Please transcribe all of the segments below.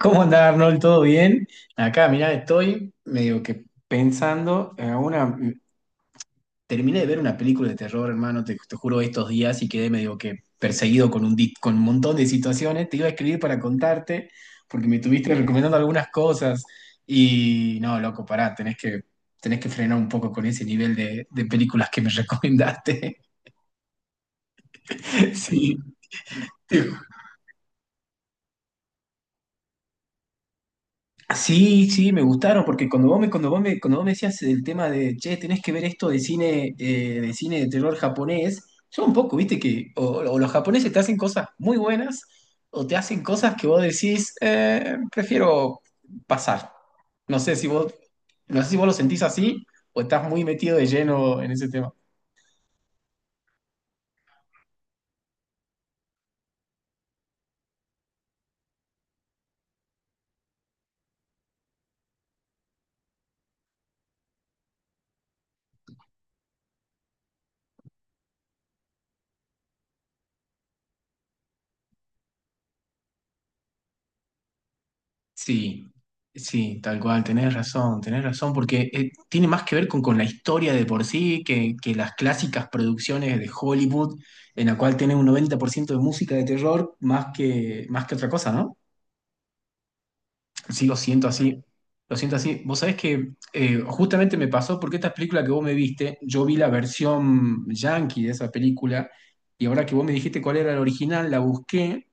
¿Cómo anda Arnold? ¿Todo bien? Acá, mirá, estoy medio que pensando en una... Terminé de ver una película de terror, hermano, te juro, estos días y quedé medio que perseguido con un montón de situaciones. Te iba a escribir para contarte porque me estuviste recomendando algunas cosas y no, loco, pará, tenés que frenar un poco con ese nivel de películas que me recomendaste. Sí, sí, sí, me gustaron, porque cuando vos me, cuando vos me, cuando vos me decías el tema de, che, tenés que ver esto de cine, de cine de terror japonés. Yo un poco, viste que o los japoneses te hacen cosas muy buenas o te hacen cosas que vos decís, prefiero pasar". No sé si vos, no sé si vos lo sentís así o estás muy metido de lleno en ese tema. Sí, sí, tal cual, tenés razón, porque tiene más que ver con la historia de por sí que las clásicas producciones de Hollywood, en la cual tenés un 90% de música de terror más que otra cosa, ¿no? Sí, lo siento así, lo siento así. Vos sabés que justamente me pasó porque esta película que vos me viste, yo vi la versión yankee de esa película, y ahora que vos me dijiste cuál era la original, la busqué.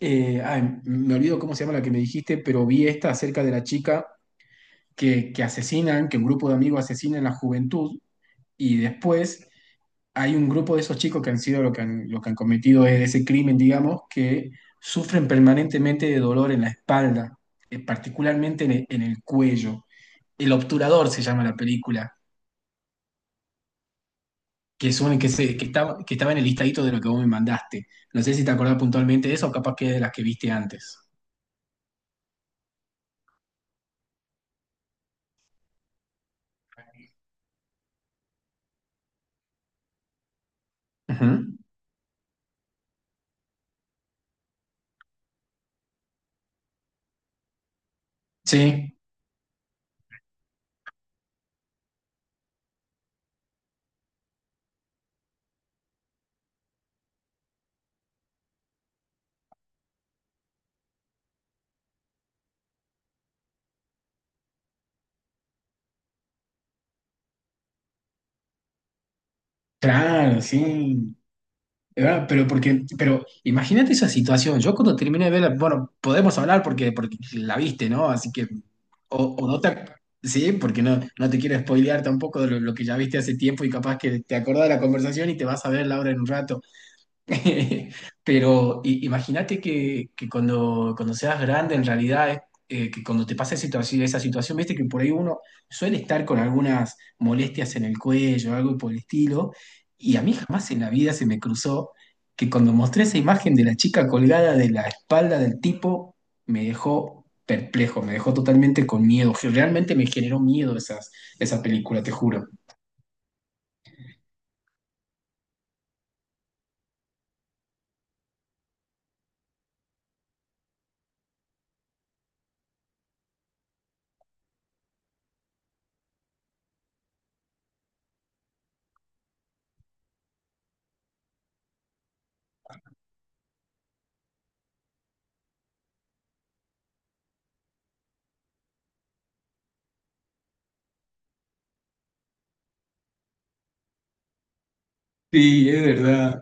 Ay, me olvido cómo se llama la que me dijiste, pero vi esta acerca de la chica que asesinan, que un grupo de amigos asesinan a la juventud y después hay un grupo de esos chicos que han sido lo que han, cometido ese crimen, digamos, que sufren permanentemente de dolor en la espalda, particularmente en el cuello. El obturador se llama la película, que, es un- que, se, que estaba en el listadito de lo que vos me mandaste. No sé si te acordás puntualmente de eso o capaz que es de las que viste antes. Ujú. Sí, claro, sí. De verdad, pero porque, pero imagínate esa situación. Yo cuando terminé de verla, bueno, podemos hablar porque, porque la viste, ¿no? Así que, o no te, ac- sí, porque no te quiero spoilear tampoco de lo, que ya viste hace tiempo y capaz que te acordás de la conversación y te vas a ver la hora en un rato. Pero imagínate que cuando seas grande, en realidad, es, que cuando te pasa esa esa situación, viste que por ahí uno suele estar con algunas molestias en el cuello, algo por el estilo, y a mí jamás en la vida se me cruzó que cuando mostré esa imagen de la chica colgada de la espalda del tipo, me dejó perplejo, me dejó totalmente con miedo, que realmente me generó miedo esa película, te juro. Sí, es verdad.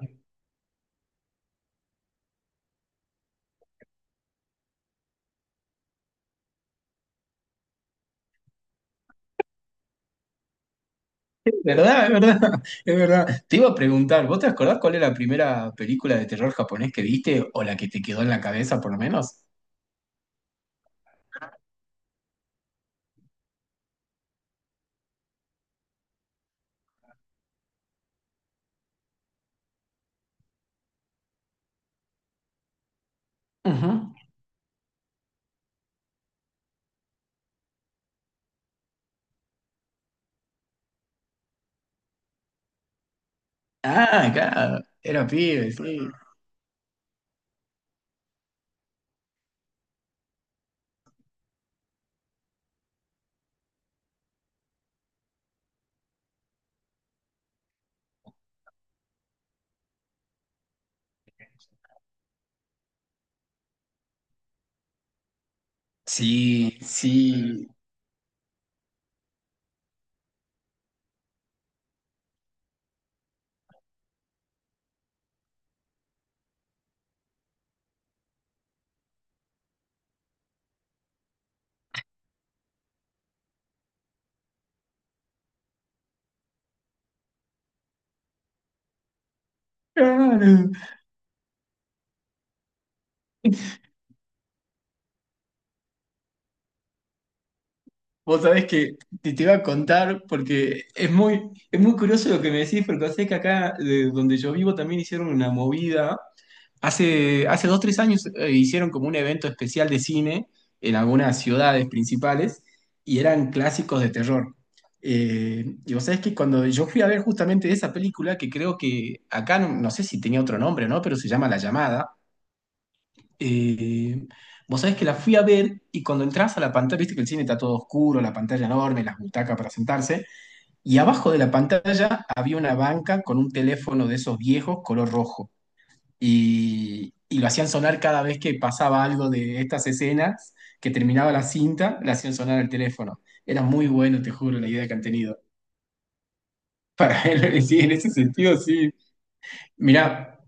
¿Verdad? Es verdad, es verdad. Te iba a preguntar, ¿vos te acordás cuál es la primera película de terror japonés que viste o la que te quedó en la cabeza por lo menos? Ujú. Ah, claro, era pibe, sí. Sí, sí. Claro. Vos sabés que te iba a contar porque es muy curioso lo que me decís, porque sé que acá, de donde yo vivo, también hicieron una movida. Hace 2, 3 años, hicieron como un evento especial de cine en algunas ciudades principales y eran clásicos de terror. Y vos sabés que cuando yo fui a ver justamente esa película, que creo que acá no sé si tenía otro nombre o no, pero se llama La Llamada. eh, vos sabés que la fui a ver y cuando entras a la pantalla, viste que el cine está todo oscuro, la pantalla enorme, las butacas para sentarse, y abajo de la pantalla había una banca con un teléfono de esos viejos color rojo y lo hacían sonar cada vez que pasaba algo de estas escenas, que terminaba la cinta, le hacían sonar el teléfono. Era muy bueno, te juro, la idea que han tenido. Para él, sí, en ese sentido, sí. Mirá,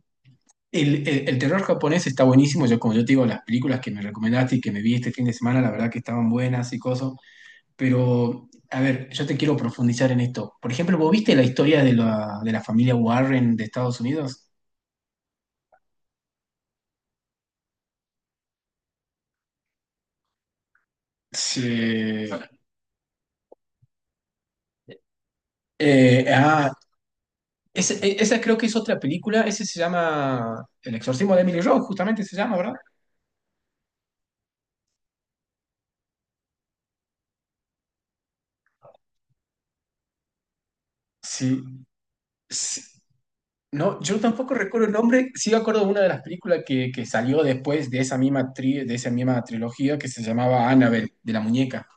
el terror japonés está buenísimo. Yo, como yo te digo, las películas que me recomendaste y que me vi este fin de semana, la verdad que estaban buenas y cosas. Pero, a ver, yo te quiero profundizar en esto. Por ejemplo, ¿vos viste la historia de la familia Warren de Estados Unidos? Sí. Eh, ah, esa creo que es otra película, ese se llama El exorcismo de Emily Rose, justamente se llama, ¿verdad? Sí, sí. No, yo tampoco recuerdo el nombre, sí me acuerdo de una de las películas que salió después de esa misma trilogía que se llamaba Annabelle, de la muñeca.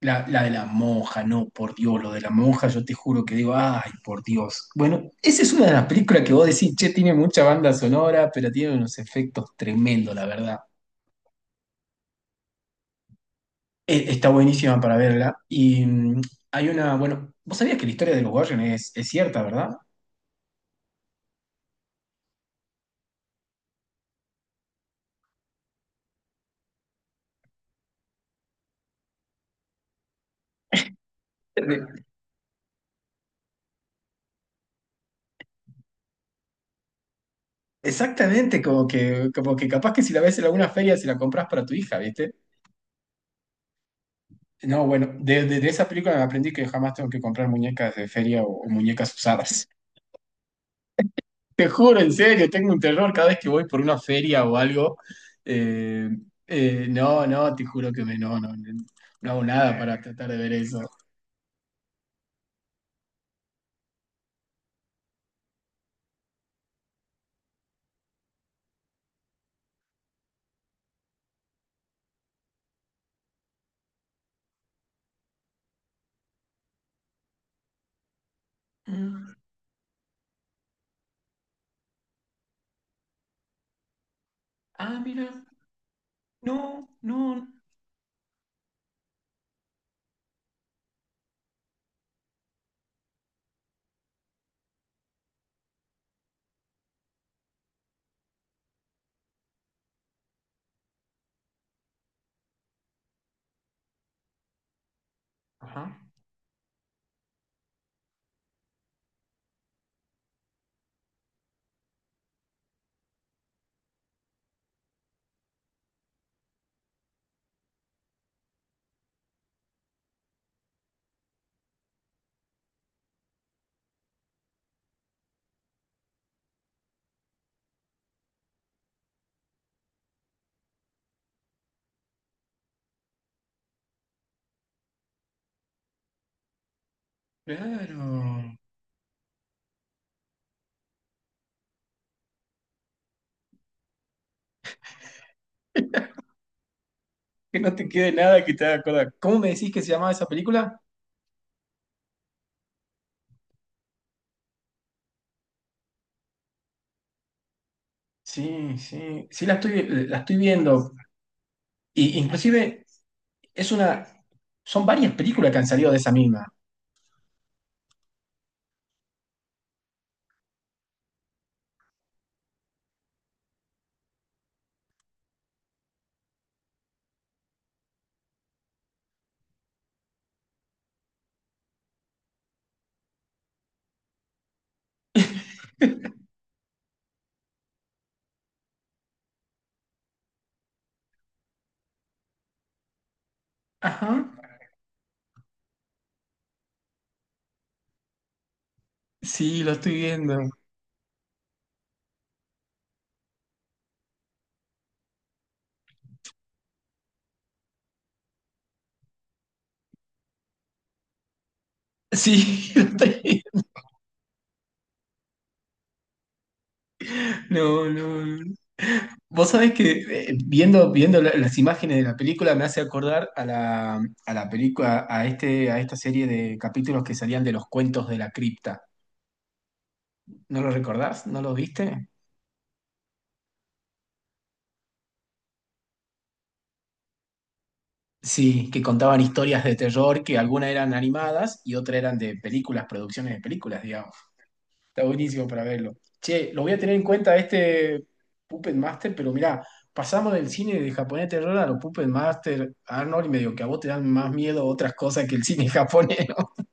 La de la monja, no, por Dios, lo de la monja, yo te juro que digo, ay, por Dios. Bueno, esa es una de las películas que vos decís, che, tiene mucha banda sonora, pero tiene unos efectos tremendos, la verdad. Está buenísima para verla. Y mm, hay una, bueno, vos sabías que la historia de los Warren es cierta, ¿verdad? Eh, Exactamente, como que, capaz que si la ves en alguna feria se la compras para tu hija, ¿viste? No, bueno, de, de esa película me aprendí que jamás tengo que comprar muñecas de feria o muñecas usadas. Te juro, en serio, tengo un terror cada vez que voy por una feria o algo. Eh, no, no, te juro que me, no, no, no hago nada para tratar de ver eso. Mm, ah, mira, no, no. Ajá. Claro. Que no te quede nada que te haga acordar. ¿Cómo me decís que se llamaba esa película? Sí, sí, sí la estoy, la, estoy viendo. Y, inclusive es una, son varias películas que han salido de esa misma. Ajá. Sí, lo estoy viendo. Sí, lo estoy viendo. No, no, no. Vos sabés que viendo, las imágenes de la película me hace acordar a la película, a esta serie de capítulos que salían de los cuentos de la cripta. ¿No lo recordás? ¿No lo viste? Sí, que contaban historias de terror, que algunas eran animadas y otras eran de películas, producciones de películas, digamos. Está buenísimo para verlo. Che, lo voy a tener en cuenta este Puppet Master, pero mirá, pasamos del cine de japonés de terror a los Puppet Master, Arnold, y medio que a vos te dan más miedo otras cosas que el cine japonés, ¿no?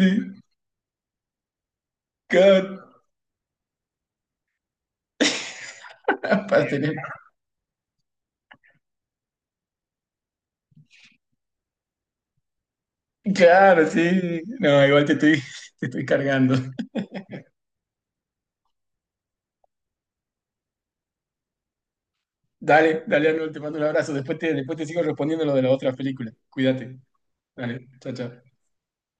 De- claro, para tener- claro, sí. No, igual te estoy, cargando. Dale, dale, Arnold, te mando un abrazo. Después te sigo respondiendo lo de las otras películas. Cuídate. Dale, chao, chao.